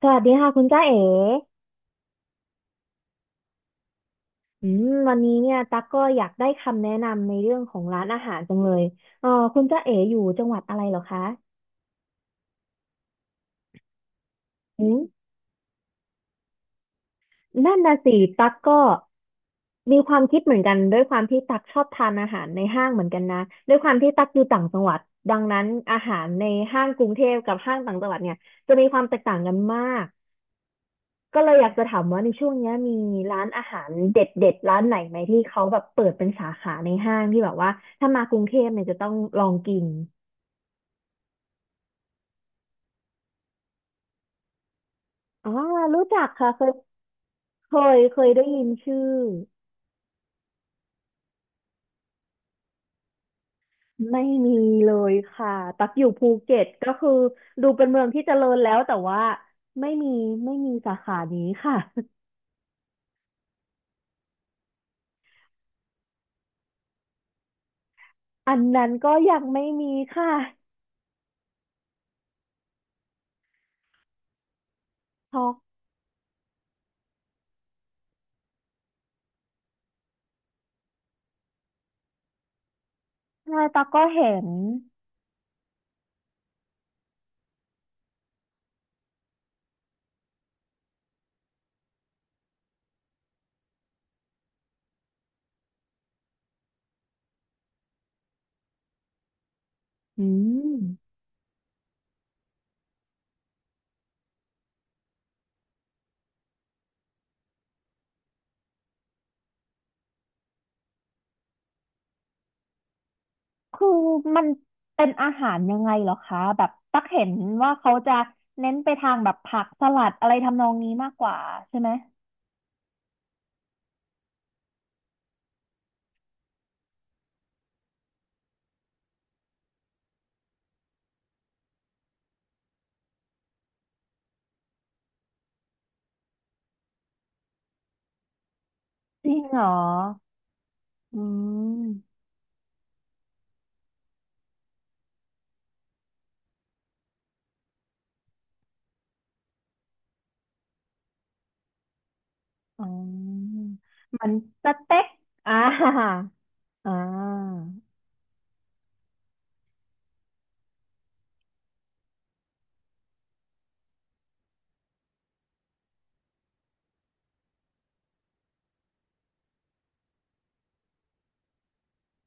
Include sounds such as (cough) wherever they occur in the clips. สวัสดีค่ะคุณจ้าเอ๋วันนี้เนี่ยตั๊กก็อยากได้คำแนะนำในเรื่องของร้านอาหารจังเลยคุณจ้าเอ๋อยู่จังหวัดอะไรเหรอคะอืมนั่นน่ะสิตั๊กก็มีความคิดเหมือนกันด้วยความที่ตั๊กชอบทานอาหารในห้างเหมือนกันนะด้วยความที่ตั๊กอยู่ต่างจังหวัดดังนั้นอาหารในห้างกรุงเทพกับห้างต่างจังหวัดเนี่ยจะมีความแตกต่างกันมาก ก็เลยอยากจะถามว่าในช่วงเนี้ยมีร้านอาหารเด็ดเด็ดร้านไหนไหมที่เขาแบบเปิดเป็นสาขาในห้างที่แบบว่าถ้ามากรุงเทพเนี่ยจะต้องลองกินอ๋อรู้จักค่ะเคยเคยได้ยินชื่อไม่มีเลยค่ะตักอยู่ภูเก็ตก็คือดูเป็นเมืองที่เจริญแล้วแต่ว่าไม่มีไม่มีสาขานี้ค่ะ (laughs) อันนั้นก็ยังไม่มีค่ะช็อกใช่ตักก็เห็นอืม คือมันเป็นอาหารยังไงเหรอคะแบบตักเห็นว่าเขาจะเน้นไปทางแบบผักสลัดอะไรทำนองนี้มากกว่าใช่ไหมจริงเหรออืมอ๋อมันสเต็กอ่า (laughs) อ่า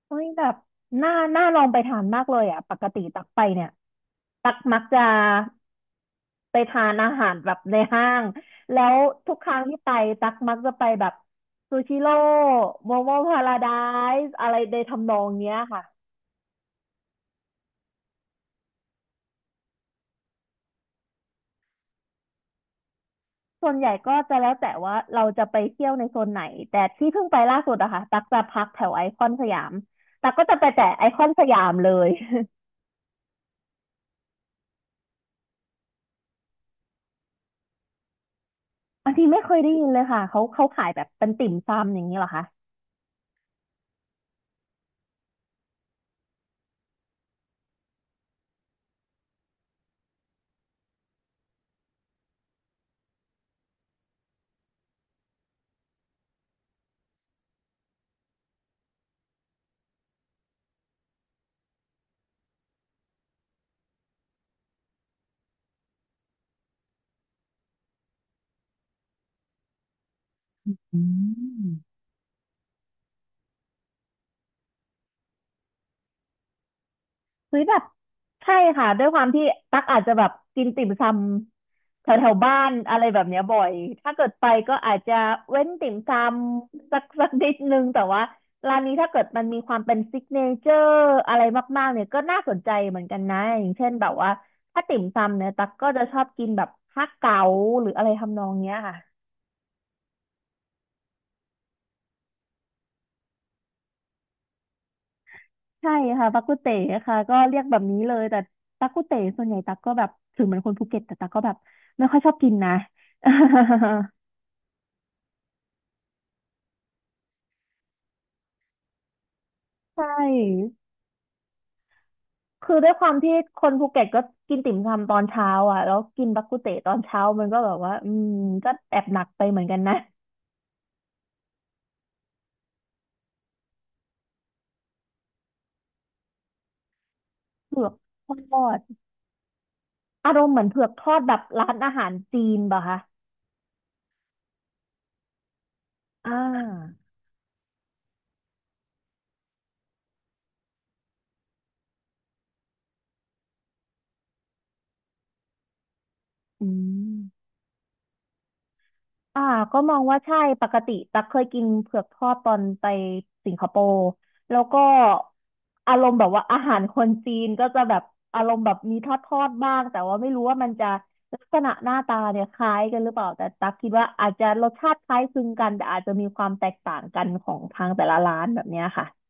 เฮ้ยแบบน่าน่าลองไปทานมากเลยอ่ะปกติตักไปเนี่ยตักมักจะ ไปทานอาหารแบบในห้าง แล้วทุกครั้งที่ไปตักมักจะไปแบบซูชิโร่โมโมพาราไดซ์อะไรในทำนองเนี้ยค่ะส่วนใหญ่ก็จะแล้วแต่ว่าเราจะไปเที่ยวในโซนไหน แต่ที่เพิ่งไปล่าสุดอะค่ะตักจะพักแถวไอคอนสยามตักก็จะไปแต่ไอคอนสยามเลย (laughs) อันนี้ไม่เคยได้ยินเลยค่ะเขาขายแบบเป็นติ่มซำอย่างนี้เหรอคะอืม เฮ้ยแบบใช่ค่ะด้วยความที่ตักอาจจะแบบกินติ่มซำแถวแถวบ้านอะไรแบบเนี้ยบ่อยถ้าเกิดไปก็อาจจะเว้นติ่มซำสัก (laughs) สักนิดนึงแต่ว่าร้านนี้ถ้าเกิดมันมีความเป็นซิกเนเจอร์อะไรมากๆเนี่ยก็น่าสนใจเหมือนกันนะอย่างเช่นแบบว่าถ้าติ่มซำเนี่ยตักก็จะชอบกินแบบฮักเก๋าหรืออะไรทำนองเนี้ยค่ะ ใช่ค่ะตักกุเต๋ค่ะก็เรียกแบบนี้เลยแต่ตั๊กกุเต๋ส่วนใหญ่ตักก็แบบถึงเหมือนคนภูเก็ตแต่ตักก็แบบไม่ค่อยชอบกินนะ (laughs) ใช่คือด้วยความที่คนภูเก็ตก็กินติ่มซำตอนเช้าอ่ะแล้วกินบักกุเตตอนเช้ามันก็แบบว่าอืมก็แอบหนักไปเหมือนกันนะเผือกทอดอารมณ์เหมือนเผือกทอดแบบร้านอาหารจีนป่ะคะอ่าอืม อ่าก็มองว่าใช่ปกติตักเคยกินเผือกทอดตอนไปสิงคโปร์แล้วก็อารมณ์แบบว่าอาหารคนจีนก็จะแบบอารมณ์แบบมีทอดทอดบ้างแต่ว่าไม่รู้ว่ามันจะลักษณะหน้าตาเนี่ยคล้ายกันหรือเปล่าแต่ตักคิดว่าอาจจะรสชาติคล้ายคลึงกันแต่อาจจะมีความแตกต่างกันของทางแต่ละร้านแบบเนี้ยค่ะ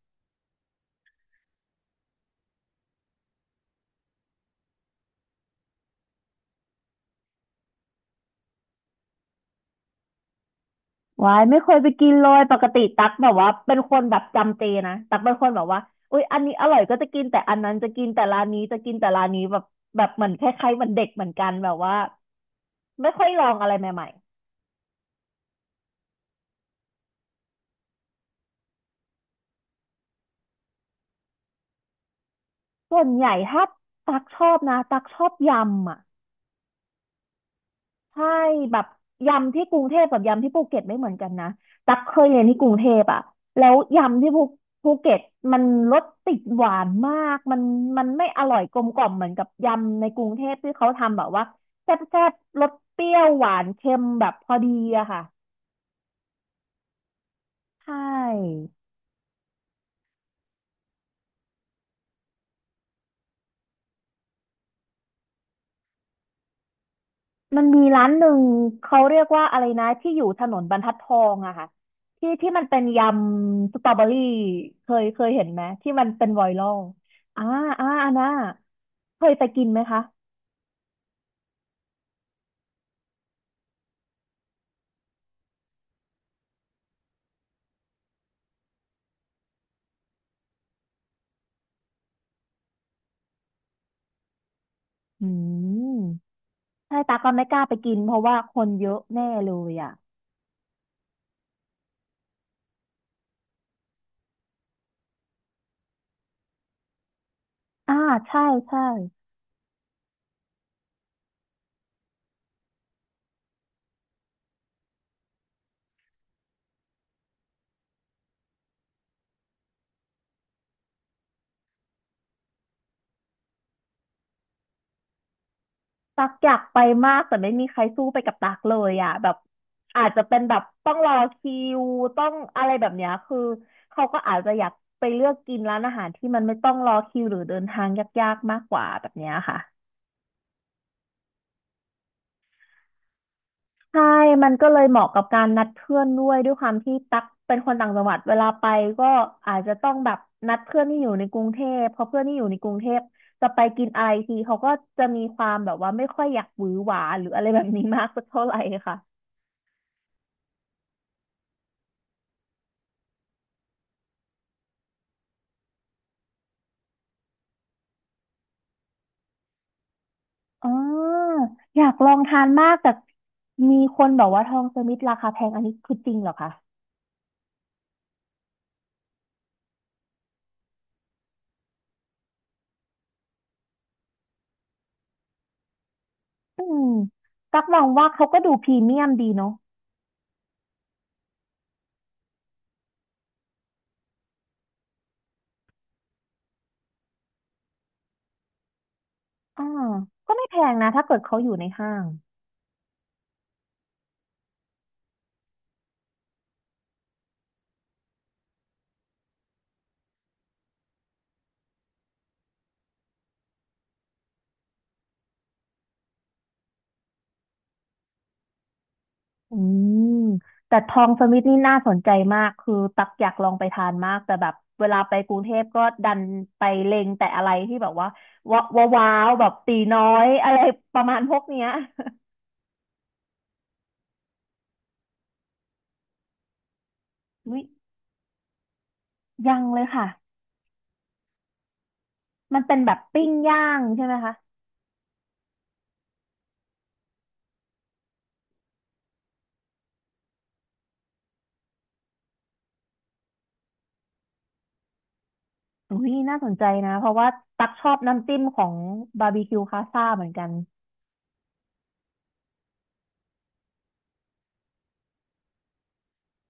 วายไม่เคยไปกินเลยปกติตักแบบว่าเป็นคนแบบจำเจนะตักเป็นคนแบบว่าอุ๊ยอันนี้อร่อยก็จะกินแต่อันนั้นจะกินแต่ร้านนี้จะกินแต่ร้านนี้แบบแบบเหมือนคล้ายๆเหมือนเด็กเหมือนกันแบบว่าไม่ค่อยลองอะไรใหม่ๆส่วนใหญ่ถ้าตักชอบนะตักชอบยำอ่ะ ใช่แบบยำที่กรุงเทพกับยำที่ภูเก็ตไม่เหมือนกันนะตักเคยเรียนที่กรุงเทพอะแล้วยำที่ภูเก็ตมันรสติดหวานมากมันไม่อร่อยกลมกล่อมเหมือนกับยำในกรุงเทพที่เขาทำแบบว่าแซ่บแซ่บรสเปรี้ยวหวานเค็มแบบพอดีอะค่ะใช่ มันมีร้านหนึ่งเขาเรียกว่าอะไรนะที่อยู่ถนนบรรทัดทองอะค่ะที่ที่มันเป็นยำสตรอเบอรี่เคยเห็นไหมที่มันเป็นไวรัลอ่าอ่าอันน่ะเคยไปกินไหมคะอืมใช่ตาก็ไม่กล้าไปกินเพราะว่าคนเยอะแน่เลยอะอ่าใช่ใช่ ตักอยากไปมากแต่ไม่มีใครสู้ไปกับตักเลยอ่ะแบบอาจจะเป็นแบบต้องรอคิวต้องอะไรแบบเนี้ยคือเขาก็อาจจะอยากไปเลือกกินร้านอาหารที่มันไม่ต้องรอคิวหรือเดินทางยากๆมากกว่าแบบเนี้ยค่ะใช่มันก็เลยเหมาะกับการนัดเพื่อนด้วยด้วยความที่ตั๊กเป็นคนต่างจังหวัดเวลาไปก็อาจจะต้องแบบนัดเพื่อนที่อยู่ในกรุงเทพเพราะเพื่อนที่อยู่ในกรุงเทพจะไปกินอะไรทีเขาก็จะมีความแบบว่าไม่ค่อยอยากหวือหวาหรืออะไรแบบนี้มากสักเท่าไหร่ค่ะ อ๋ออยากลองทานมากแต่มีคนบอกว่าทองสมิธราคาแพงอันนี้คือจริงเหรอคะอืมกักมองว่าเขาก็ดูพรีเมียมดีเนาะอ่าก็ไม่แพงนะถ้าเกิดเขาอยู่ในห้างอืมแต่ทองสมิธนี่น่าสนใจมากคือตักอยากลองไปทานมากแต่แบบเวลาไปกรุงเทพก็ดันไปเล็งแต่อะไรที่แบบว่าว้าวว้าวแบบตีน้อยอะไรประมาณพวกเนี้ย (laughs) อุ๊ยยังเลยค่ะมันเป็นแบบปิ้งย่างใช่ไหมคะ อุ้ยน่าสนใจนะเพราะว่าตักชอบน้ำจิ้มของบาร์บีคิวคาซ่าเหมือนกัน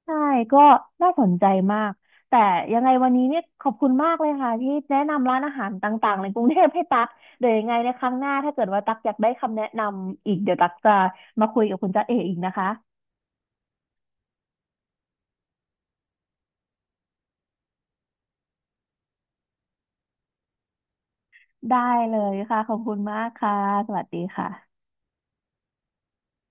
ใช่ก็น่าสนใจมากแต่ยังไงวันนี้เนี่ยขอบคุณมากเลยค่ะที่แนะนำร้านอาหารต่างๆในกรุงเทพให้ตักเดี๋ยวยังไงในครั้งหน้าถ้าเกิดว่าตักอยากได้คำแนะนำอีกเดี๋ยวตักจะมาคุยกับคุณจ๊ะเออีกนะคะได้เลยค่ะขอบคุณมากค่ะสวัสดีค่ะ